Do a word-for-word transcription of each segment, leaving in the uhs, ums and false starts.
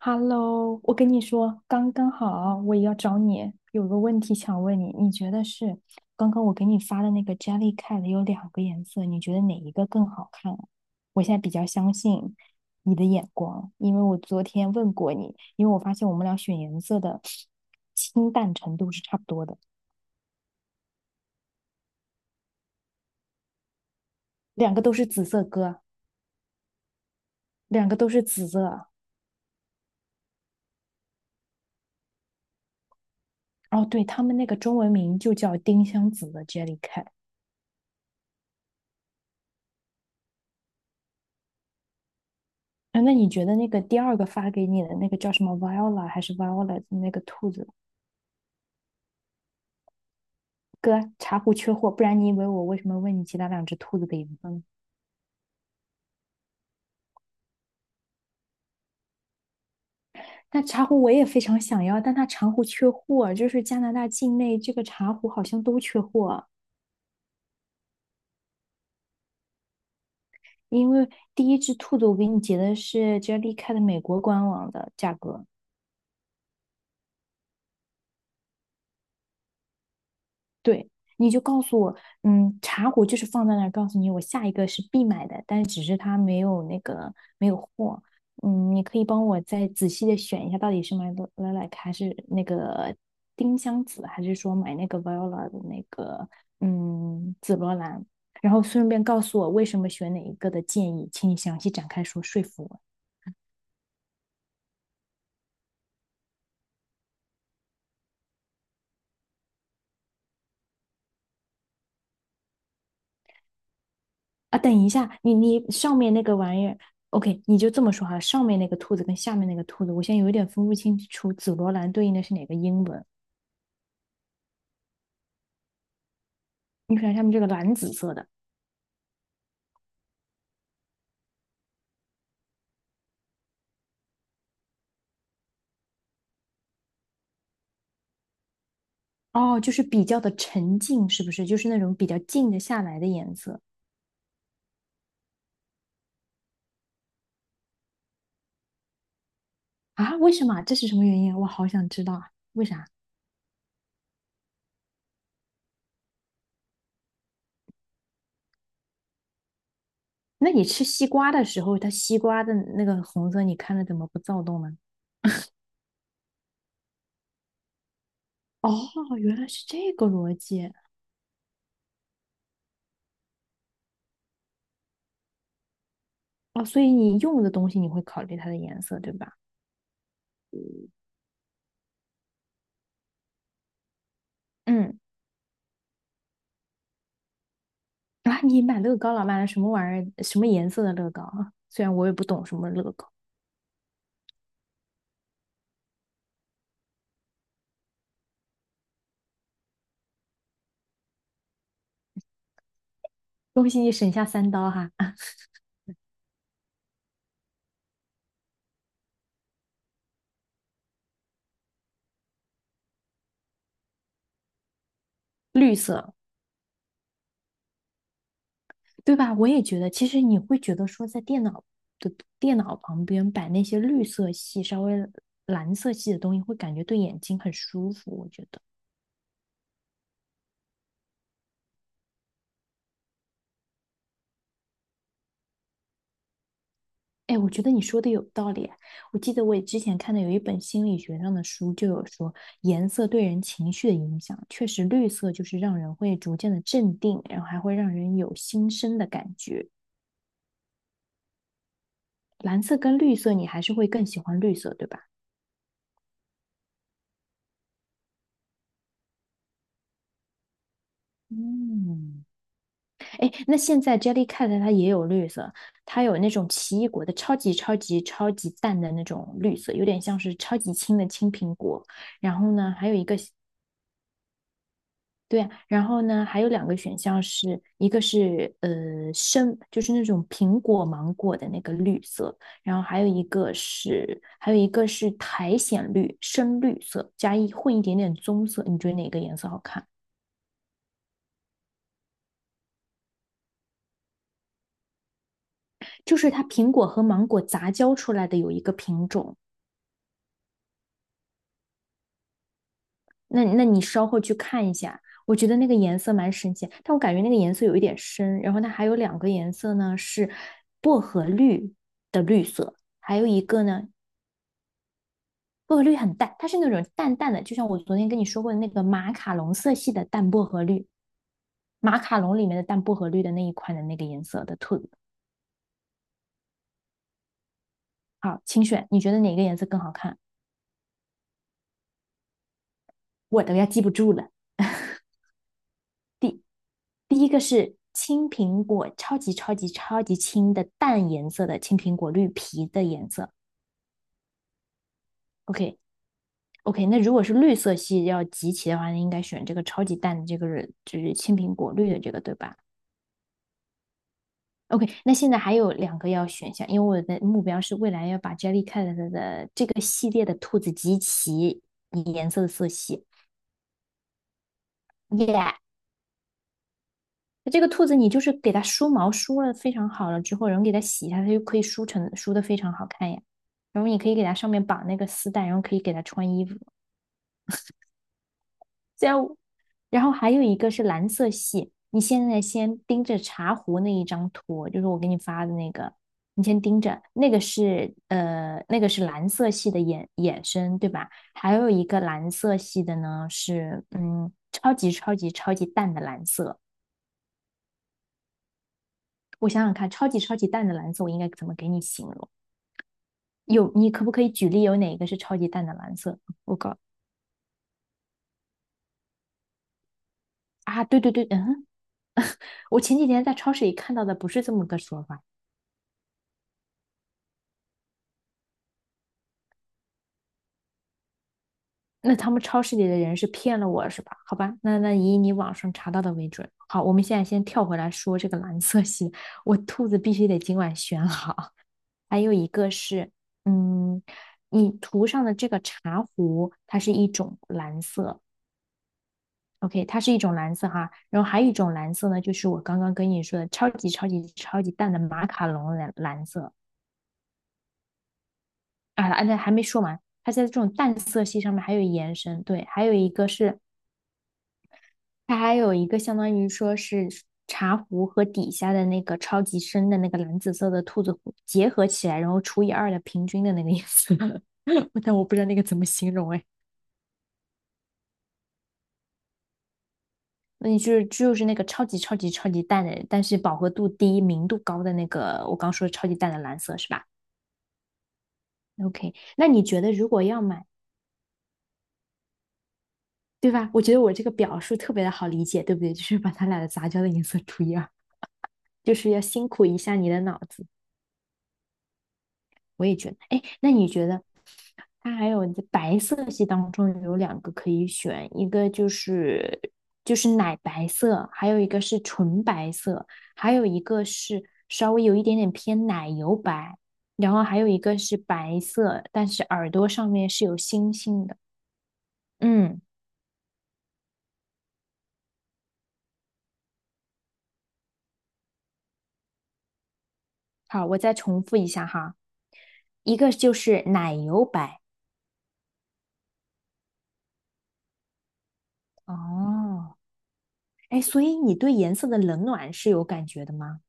Hello，我跟你说，刚刚好，我也要找你，有个问题想问你，你觉得是刚刚我给你发的那个 Jellycat 有两个颜色，你觉得哪一个更好看啊。我现在比较相信你的眼光，因为我昨天问过你，因为我发现我们俩选颜色的清淡程度是差不多的，两个都是紫色哥，两个都是紫色。哦，对，他们那个中文名就叫丁香紫的 Jellycat。哎，那你觉得那个第二个发给你的那个叫什么 Viola 还是 Violet 的那个兔子？哥，茶壶缺货，不然你以为我为什么问你其他两只兔子的颜色呢？但茶壶我也非常想要，但它茶壶缺货，就是加拿大境内这个茶壶好像都缺货。因为第一只兔子我给你截的是 Jellycat 美国官网的价格，对，你就告诉我，嗯，茶壶就是放在那儿，告诉你我下一个是必买的，但只是它没有那个没有货。嗯，你可以帮我再仔细的选一下，到底是买 lilac 还是那个丁香紫，还是说买那个 viola 的那个嗯紫罗兰？然后顺便告诉我为什么选哪一个的建议，请你详细展开说说服我。啊，等一下，你你上面那个玩意儿，OK，你就这么说哈，上面那个兔子跟下面那个兔子，我现在有点分不清楚紫罗兰对应的是哪个英文。你看下面这个蓝紫色的，哦，就是比较的沉静，是不是？就是那种比较静得下来的颜色。啊？为什么啊，这是什么原因啊，我好想知道啊，为啥？那你吃西瓜的时候，它西瓜的那个红色，你看了怎么不躁动呢？哦，原来是这个逻辑。哦，所以你用的东西你会考虑它的颜色，对吧？嗯。啊，你买乐高了，买了什么玩意儿？什么颜色的乐高啊？虽然我也不懂什么乐高，恭喜你省下三刀哈。啊，绿色，对吧？我也觉得，其实你会觉得说，在电脑的电脑旁边摆那些绿色系、稍微蓝色系的东西，会感觉对眼睛很舒服。我觉得，哎，我觉得你说的有道理。我记得我也之前看的有一本心理学上的书，就有说颜色对人情绪的影响，确实绿色就是让人会逐渐的镇定，然后还会让人有新生的感觉。蓝色跟绿色，你还是会更喜欢绿色，对吧？嗯，哎，那现在 Jellycat 它也有绿色，它有那种奇异果的超级超级超级淡的那种绿色，有点像是超级青的青苹果。然后呢，还有一个。对啊，然后呢还有两个选项是，一个是呃深，就是那种苹果芒果的那个绿色，然后还有一个是还有一个是苔藓绿，深绿色加一混一点点棕色，你觉得哪个颜色好看？就是它苹果和芒果杂交出来的有一个品种。那那你稍后去看一下，我觉得那个颜色蛮神奇，但我感觉那个颜色有一点深。然后它还有两个颜色呢，是薄荷绿的绿色，还有一个呢，薄荷绿很淡，它是那种淡淡的，就像我昨天跟你说过的那个马卡龙色系的淡薄荷绿，马卡龙里面的淡薄荷绿的那一款的那个颜色的兔子。好，请选，你觉得哪个颜色更好看？我都要记不住了。第一个是青苹果，超级超级超级青的淡颜色的青苹果，绿皮的颜色。OK。 OK，那如果是绿色系要集齐的话，那应该选这个超级淡的这个就是青苹果绿的这个，对吧？OK，那现在还有两个要选项，因为我的目标是未来要把 Jellycat 的这个系列的兔子集齐颜色的色系。耶、yeah， 这个兔子你就是给它梳毛梳了非常好了之后，然后给它洗一下，它就可以梳成梳的非常好看呀。然后你可以给它上面绑那个丝带，然后可以给它穿衣服。这样，然后还有一个是蓝色系，你现在先盯着茶壶那一张图，就是我给你发的那个，你先盯着，那个是呃那个是蓝色系的衍衍生，对吧？还有一个蓝色系的呢是嗯超级超级超级淡的蓝色。我想想看，超级超级淡的蓝色，我应该怎么给你形容？有，你可不可以举例有哪一个是超级淡的蓝色？我搞。啊，对对对，嗯，我前几天在超市里看到的不是这么个说法。那他们超市里的人是骗了我是吧？好吧，那那以你网上查到的为准。好，我们现在先跳回来说这个蓝色系，我兔子必须得今晚选好。还有一个是，嗯，你涂上的这个茶壶，它是一种蓝色，OK，它是一种蓝色哈，然后还有一种蓝色呢，就是我刚刚跟你说的超级超级超级淡的马卡龙蓝蓝色。啊，啊那还没说完，它在这种淡色系上面还有延伸，对，还有一个是它还有一个相当于说是茶壶和底下的那个超级深的那个蓝紫色的兔子壶结合起来，然后除以二的平均的那个颜色，但我不知道那个怎么形容哎。那你就是就是那个超级超级超级淡的，但是饱和度低、明度高的那个，我刚说的超级淡的蓝色是吧？OK，那你觉得如果要买，对吧？我觉得我这个表述特别的好理解，对不对？就是把它俩的杂交的颜色除以二，就是要辛苦一下你的脑子。我也觉得，哎，那你觉得它还有白色系当中有两个可以选，一个就是就是奶白色，还有一个是纯白色，还有一个是稍微有一点点偏奶油白，然后还有一个是白色，但是耳朵上面是有星星的。嗯，好，我再重复一下哈，一个就是奶油白。哦，哎，所以你对颜色的冷暖是有感觉的吗？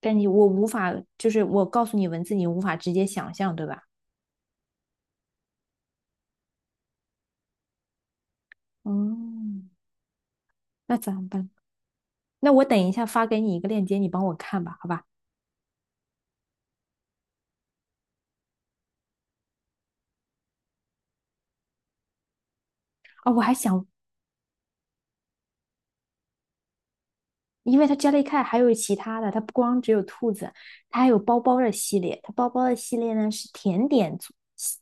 但你我无法，就是我告诉你文字，你无法直接想象，对吧？嗯，那咋办？那我等一下发给你一个链接，你帮我看吧，好吧？啊、我还想，因为它 Jellycat 还有其他的，它不光只有兔子，它还有包包的系列。它包包的系列呢是甜点做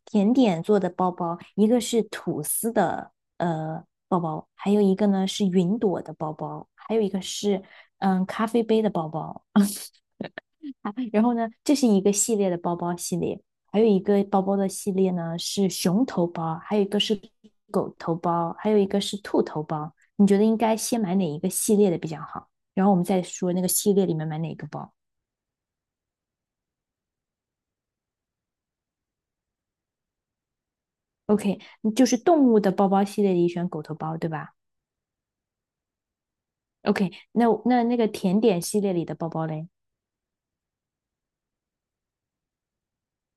甜点做的包包，一个是吐司的呃包包，还有一个呢是云朵的包包，还有一个是嗯咖啡杯的包包。啊，然后呢，这是一个系列的包包系列，还有一个包包的系列呢是熊头包，还有一个是狗头包，还有一个是兔头包。你觉得应该先买哪一个系列的比较好？然后我们再说那个系列里面买哪个包。OK，嗯就是动物的包包系列里选狗头包，对吧？OK，那那那个甜点系列里的包包嘞，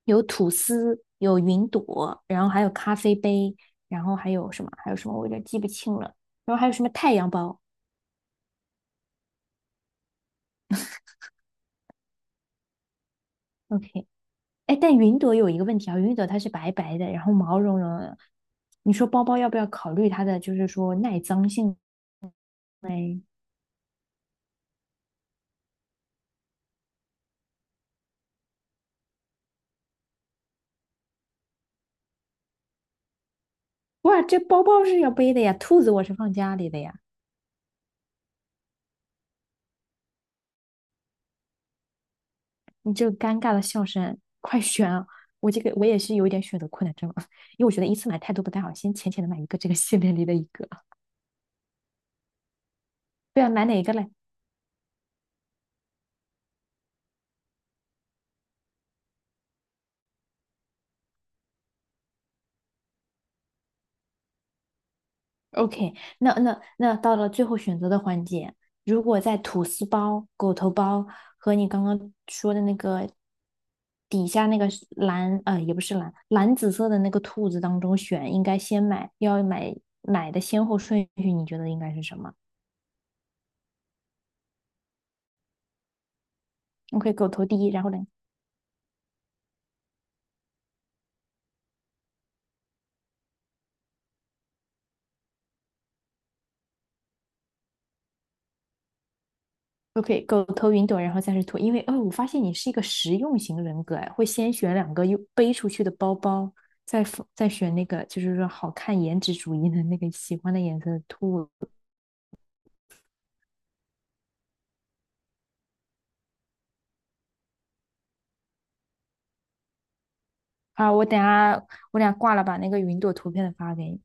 有吐司，有云朵，然后还有咖啡杯，然后还有什么？还有什么？我有点记不清了。然后还有什么太阳包？OK，哎，但云朵有一个问题啊，云朵它是白白的，然后毛茸茸的。你说包包要不要考虑它的，就是说耐脏性？哇，这包包是要背的呀，兔子我是放家里的呀。你这个尴尬的笑声，快选啊！我这个我也是有一点选择困难症啊，因为我觉得一次买太多不太好，先浅浅的买一个这个系列里的一个。对啊，买哪一个嘞？OK，那那那到了最后选择的环节，如果在吐司包、狗头包和你刚刚说的那个底下那个是蓝呃也不是蓝蓝紫色的那个兔子当中选，应该先买要买买的先后顺序，你觉得应该是什么？OK，狗头第一，然后呢？OK，狗头云朵，然后再是兔，因为哦，我发现你是一个实用型人格哎，会先选两个又背出去的包包，再再选那个就是说好看颜值主义的那个喜欢的颜色的兔子。好，我等下我俩挂了，把那个云朵图片的发给你。